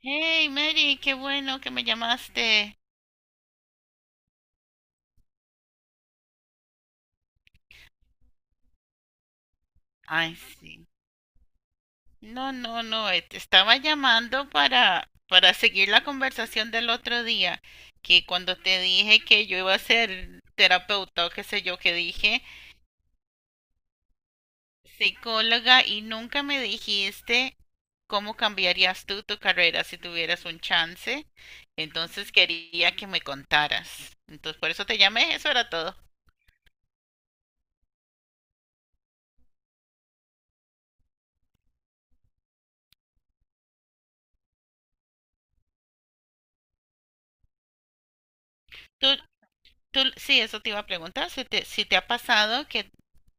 Hey, Mary, qué bueno que me llamaste. Ay, sí. No, no, no, te estaba llamando para seguir la conversación del otro día, que cuando te dije que yo iba a ser terapeuta o qué sé yo, que dije psicóloga y nunca me dijiste cómo cambiarías tú tu carrera si tuvieras un chance. Entonces quería que me contaras. Entonces por eso te llamé, eso era todo. ¿Tú, Tú, sí, eso te iba a preguntar, si te ha pasado que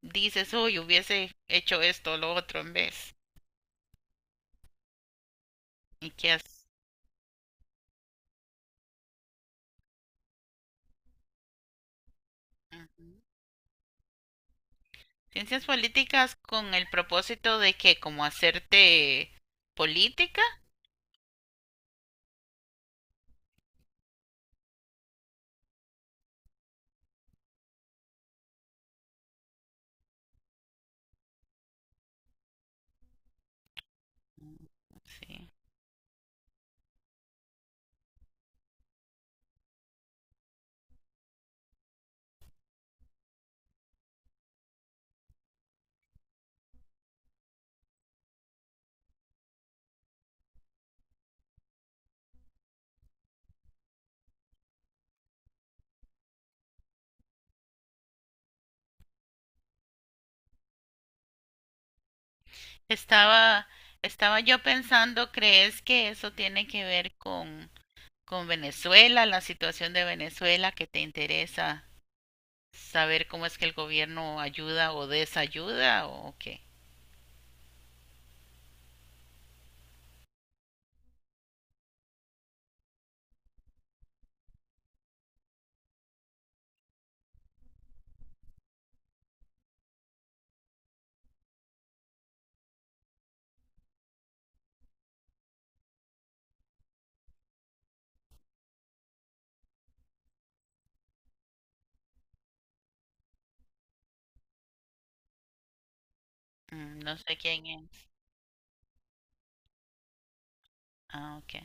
dices, uy, hubiese hecho esto o lo otro en vez. ¿Y qué has? Ujú. Ciencias políticas con el propósito de que como hacerte política. Mm, sí. Estaba, Estaba yo pensando, ¿crees que eso tiene que ver con Venezuela, la situación de Venezuela, que te interesa saber cómo es que el gobierno ayuda o desayuda o qué? Mm, no sé quién es. Ah, ok.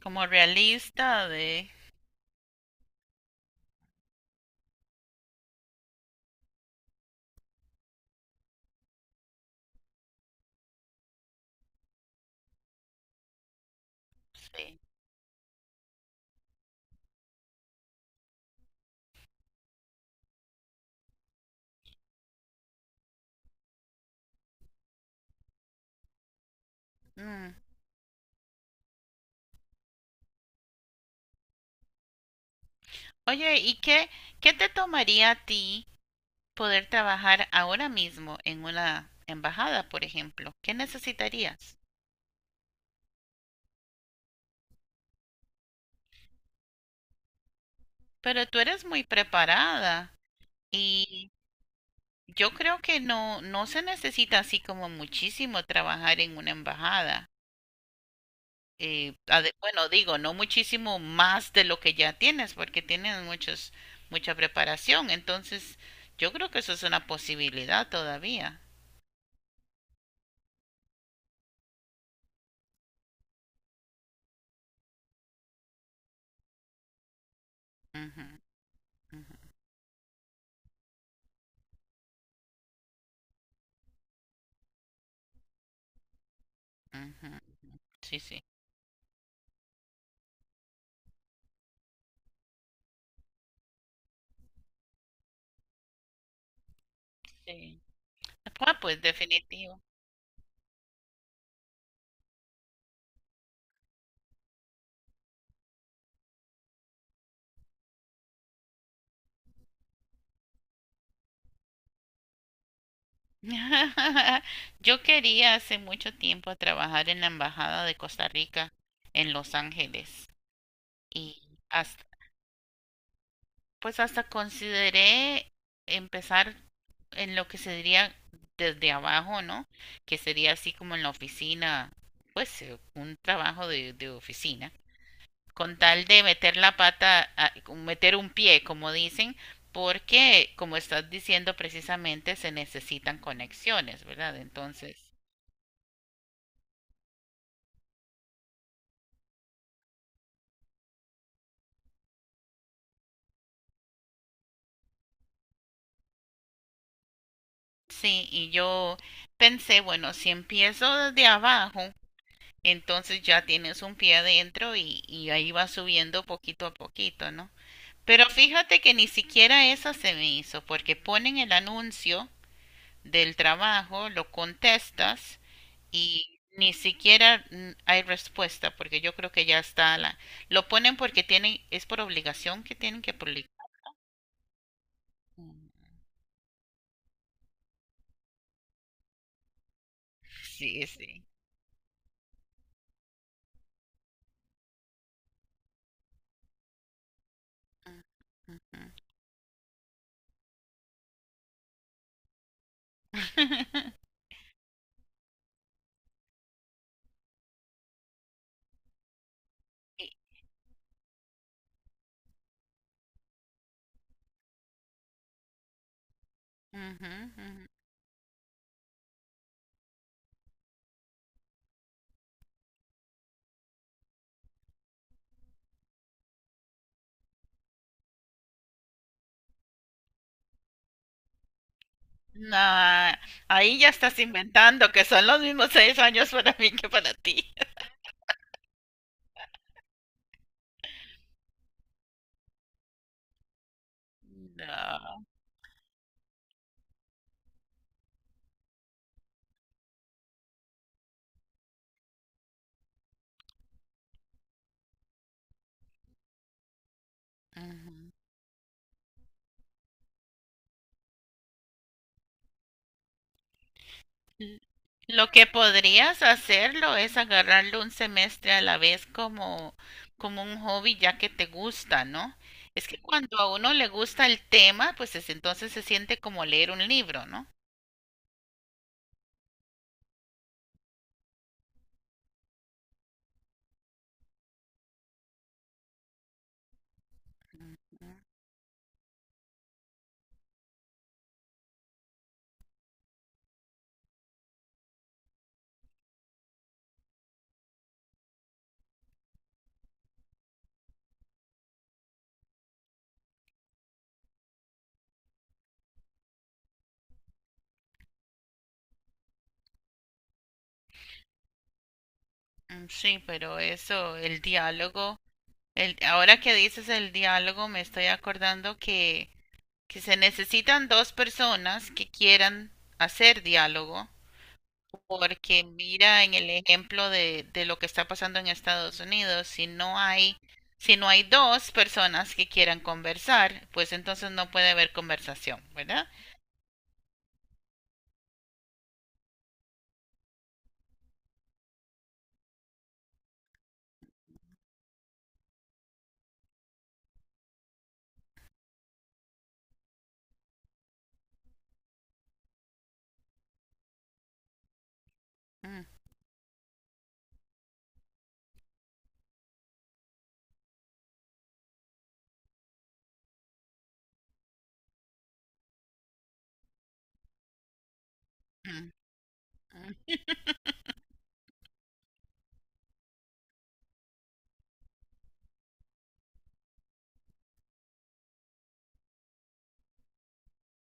Como realista de... Sí. Mm. Oye, ¿qué te tomaría a ti poder trabajar ahora mismo en una embajada, por ejemplo? ¿Qué necesitarías? Pero tú eres muy preparada y yo creo que no, no se necesita así como muchísimo trabajar en una embajada. Digo, no muchísimo más de lo que ya tienes, porque mucha preparación. Entonces, yo creo que eso es una posibilidad todavía. Ujú, ujú, ujú, ujú. Sí, sí. Sí. Ah, pues definitivo. Yo quería hace mucho tiempo trabajar en la Embajada de Costa Rica en Los Ángeles y hasta, pues hasta consideré empezar en lo que se diría desde abajo, ¿no? Que sería así como en la oficina, pues un trabajo de oficina, con tal de meter la pata, a- meter un pie, como dicen, porque, como estás diciendo precisamente, se necesitan conexiones, ¿verdad? Entonces, sí, y yo pensé, bueno, si empiezo desde abajo, entonces ya tienes un pie adentro y ahí va subiendo poquito a poquito, ¿no? Pero fíjate que ni siquiera esa se me hizo, porque ponen el anuncio del trabajo, lo contestas y ni siquiera hay respuesta, porque yo creo que ya está la... Lo ponen porque tienen, es por obligación que tienen que publicar. Mm, sí, sí. Mm, ujú. Y- ujú, ujú. No, ahí ya estás inventando que son los mismos 6 años para mí que para ti. No. Lo que podrías hacerlo es agarrarlo un semestre a la vez como, como un hobby ya que te gusta, ¿no? Es que cuando a uno le gusta el tema, pues es- entonces se siente como leer un libro, ¿no? Mm, sí, pero eso, el diálogo, el, ahora que dices el diálogo, me estoy acordando que se necesitan dos personas que quieran hacer diálogo. Porque mira en el ejemplo de lo que está pasando en Estados Unidos, si no hay dos personas que quieran conversar, pues entonces no puede haber conversación, ¿verdad? Mm, mm, mm.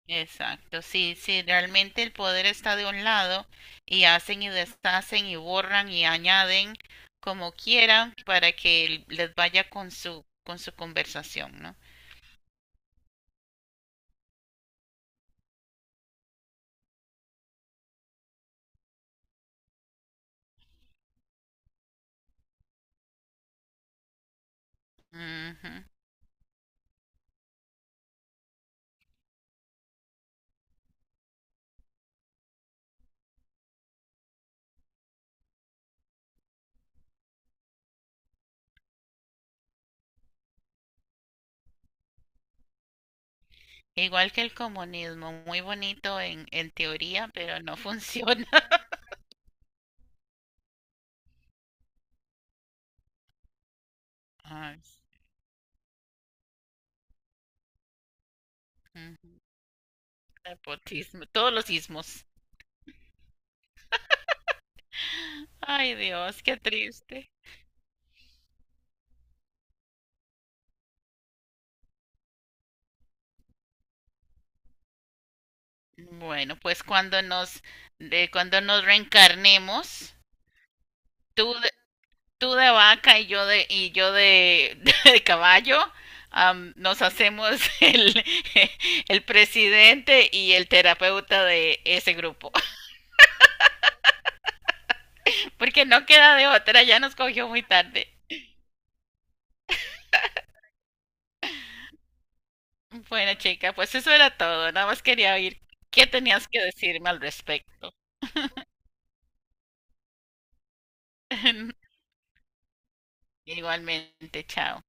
Exacto, sí, sí, realmente el poder está de un lado y hacen y deshacen y borran y añaden como quieran para que les vaya con su conversación, ¿no? Ujú. Igual que el comunismo, muy bonito en teoría, pero no funciona. Ay, mm, nepotismo, todos los ismos. Ay, Dios, qué triste. Bueno, pues cuando cuando nos reencarnemos, tú de, tú de vaca y yo de, de caballo, am, nos hacemos el, el presidente y el terapeuta de ese grupo, porque no queda de otra, ya nos cogió muy tarde. Bueno, chica, pues eso era todo. Nada más quería oír qué tenías que decirme al respecto. Igualmente, chao.